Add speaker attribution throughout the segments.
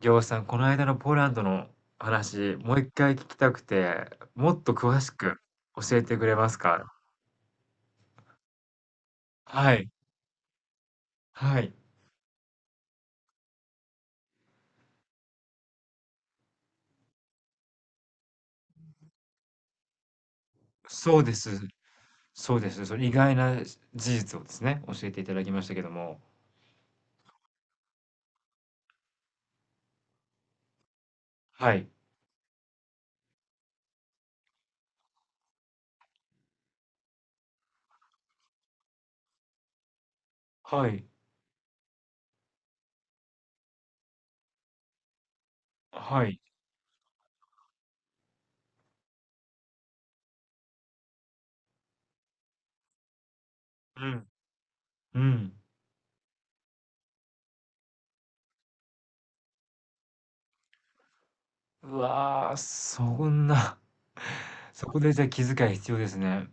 Speaker 1: りょうさん、この間のポーランドの話、もう一回聞きたくて、もっと詳しく教えてくれますか。はい、はい、そうです、そうです。その意外な事実をですね、教えていただきましたけども。はい、はい、はい、うん、うん。うわあ、そんな、そこでじゃあ気遣い必要ですね。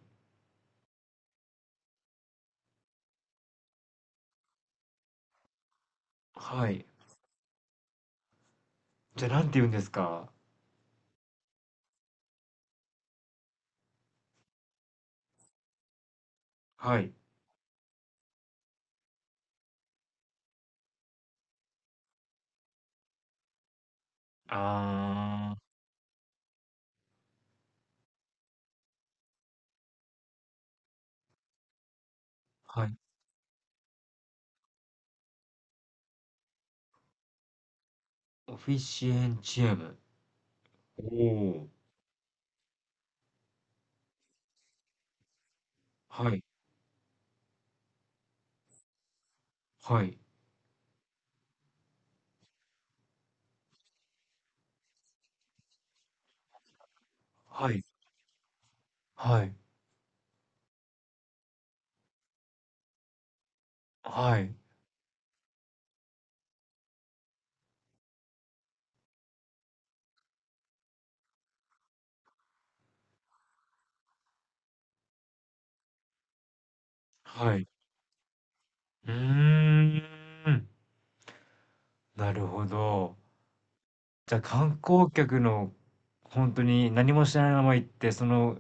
Speaker 1: はい。じゃあ、なんて言うんですか。はい。あー、はい。オフィシエンチエム。おお。はい。はい。はい。はい。はい。はい。うーん。なるほど。じゃ、観光客の本当に何も知らないまま行って、その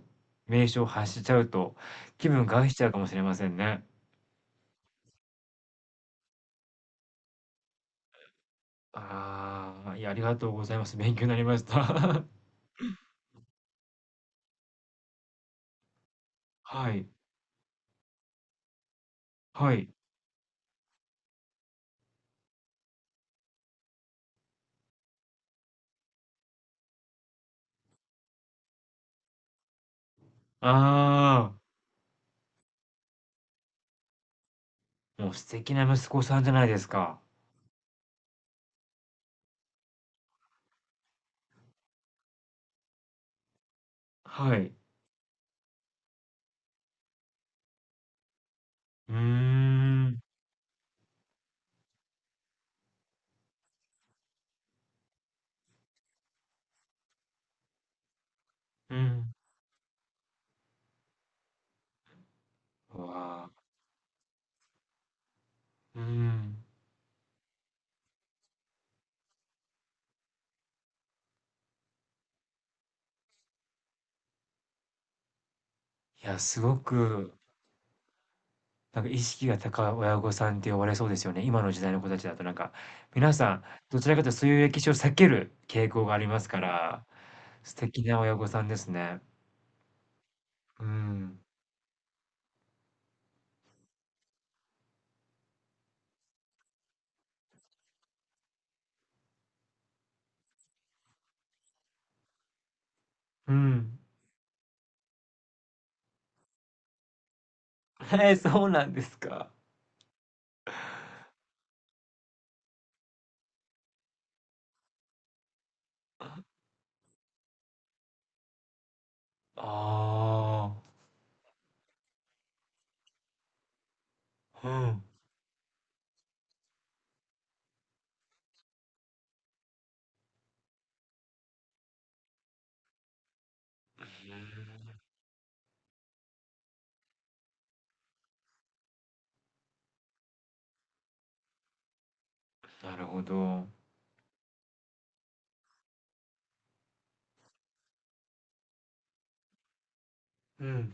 Speaker 1: 名所を発しちゃうと、気分害しちゃうかもしれませんね。ああ、いや、ありがとうございます。勉強になりました。はい。はい。ああ、もう素敵な息子さんじゃないですか。はい。うーん。うん。うわあ、うーん。いや、すごくなんか意識が高い親御さんって呼ばれそうですよね。今の時代の子たちだとなんか、皆さん、どちらかというとそういう歴史を避ける傾向がありますから、素敵な親御さんですね。うん。うん。えー、そうなんですか。ああ、うん。なるほど。うん。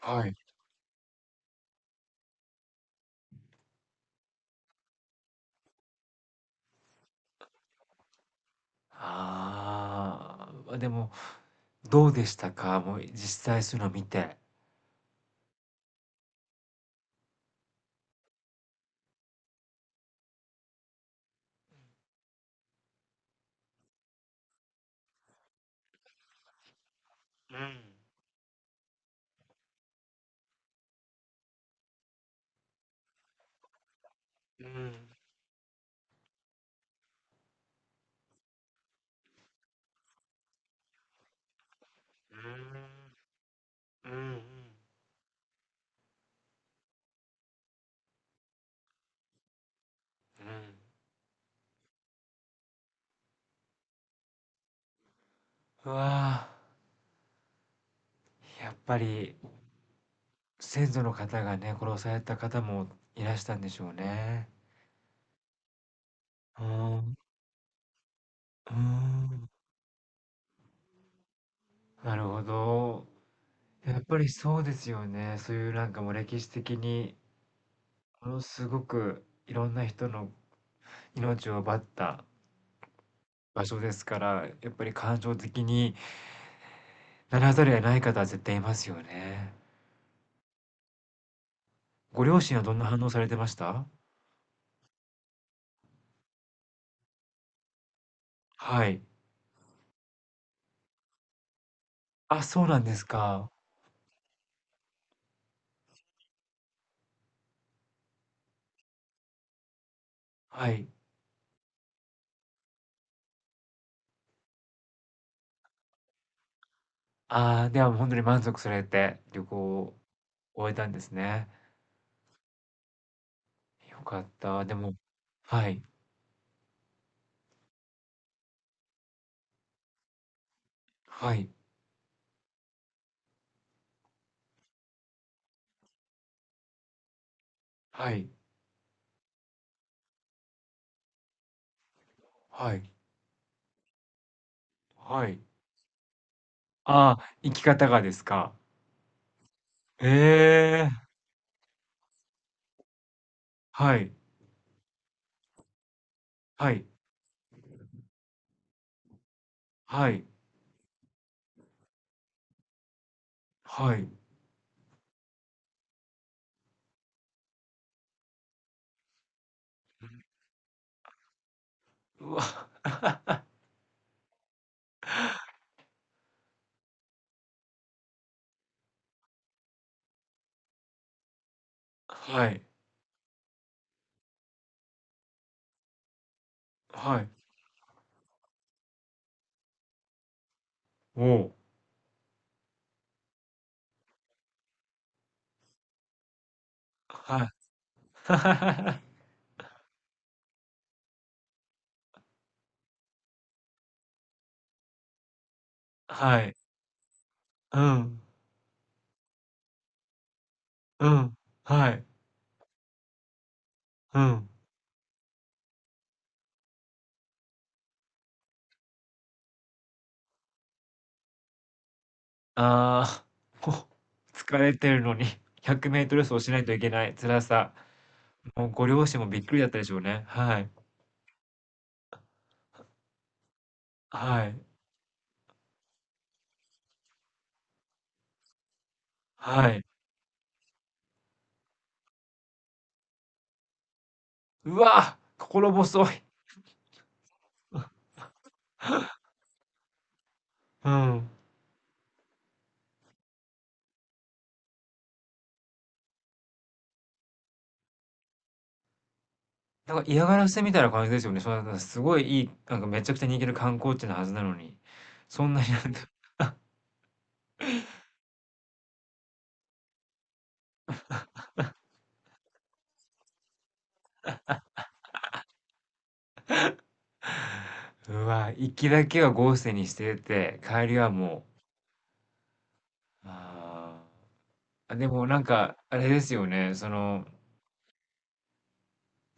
Speaker 1: はい。あーあ、ま、でも、どうでしたか？もう実際そういうの見て。うん。うん。うーん。うんうんうんうん。うわあ。やっぱり先祖の方がね、殺された方もいらしたんでしょうね。うーん、うーん、なるほど。やっぱりそうですよね。そういうなんかもう歴史的にものすごくいろんな人の命を奪った場所ですから、やっぱり感情的にならざるを得ない方は絶対いますよね。ご両親はどんな反応されてました？はい。あ、そうなんですか。はい。ああ、ではもうほんとに満足されて、旅行終えたんですね。よかった。でもはい、はい、はい、はい、はい。ああ、生き方がですか。ええ、はい、はい、はい、はい。うわ、はい、はい、おうはい。はい、うん、うん、はい、うん。ああ、こう、疲れてるのに 100m 走しないといけない辛さ。もうご両親もびっくりだったでしょうね。はい、はい、はい。うわ、心細い。うん。なんか嫌がらせみたいな感じですよね。そんな、すごいいい、なんかめちゃくちゃ人気の観光地なはずなのに、そんなになんかうわ、行きだけは豪勢にしてて、帰りはもう、ああ、でもなんか、あれですよね、その、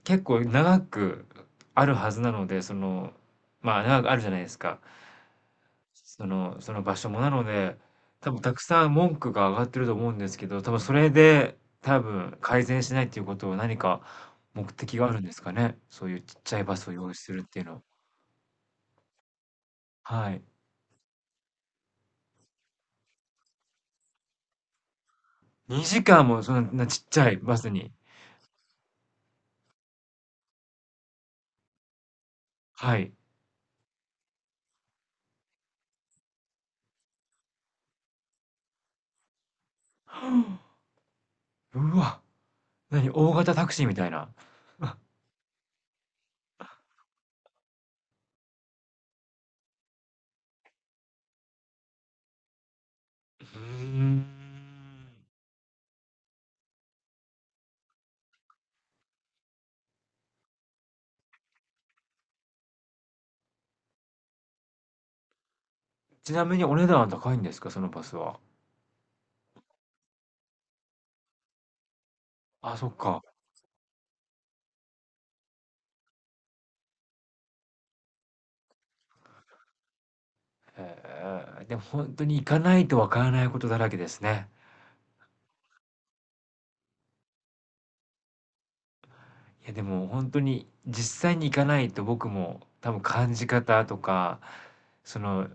Speaker 1: 結構長くあるはずなので、その、まあ長くあるじゃないですか。その、その場所も。なので、多分たくさん文句が上がってると思うんですけど、多分それで、多分改善しないっていうことは何か目的があるんですかね。そういうちっちゃいバスを用意するっていうのは。はい。2時間もそんなちっちゃいバスに。はい。うわ、何、大型タクシーみたいな。あうーん。ちなみにお値段は高いんですか、そのバスは。あ、そっか。へえ、でも本当に行かないとわからないことだらけですね。いやでも本当に実際に行かないと僕も多分感じ方とか、その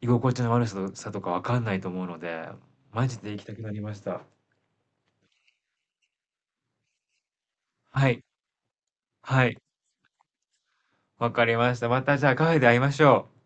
Speaker 1: 居心地の悪ささとかわかんないと思うので、マジで行きたくなりました。はい、はい、わかりました。またじゃあカフェで会いましょう。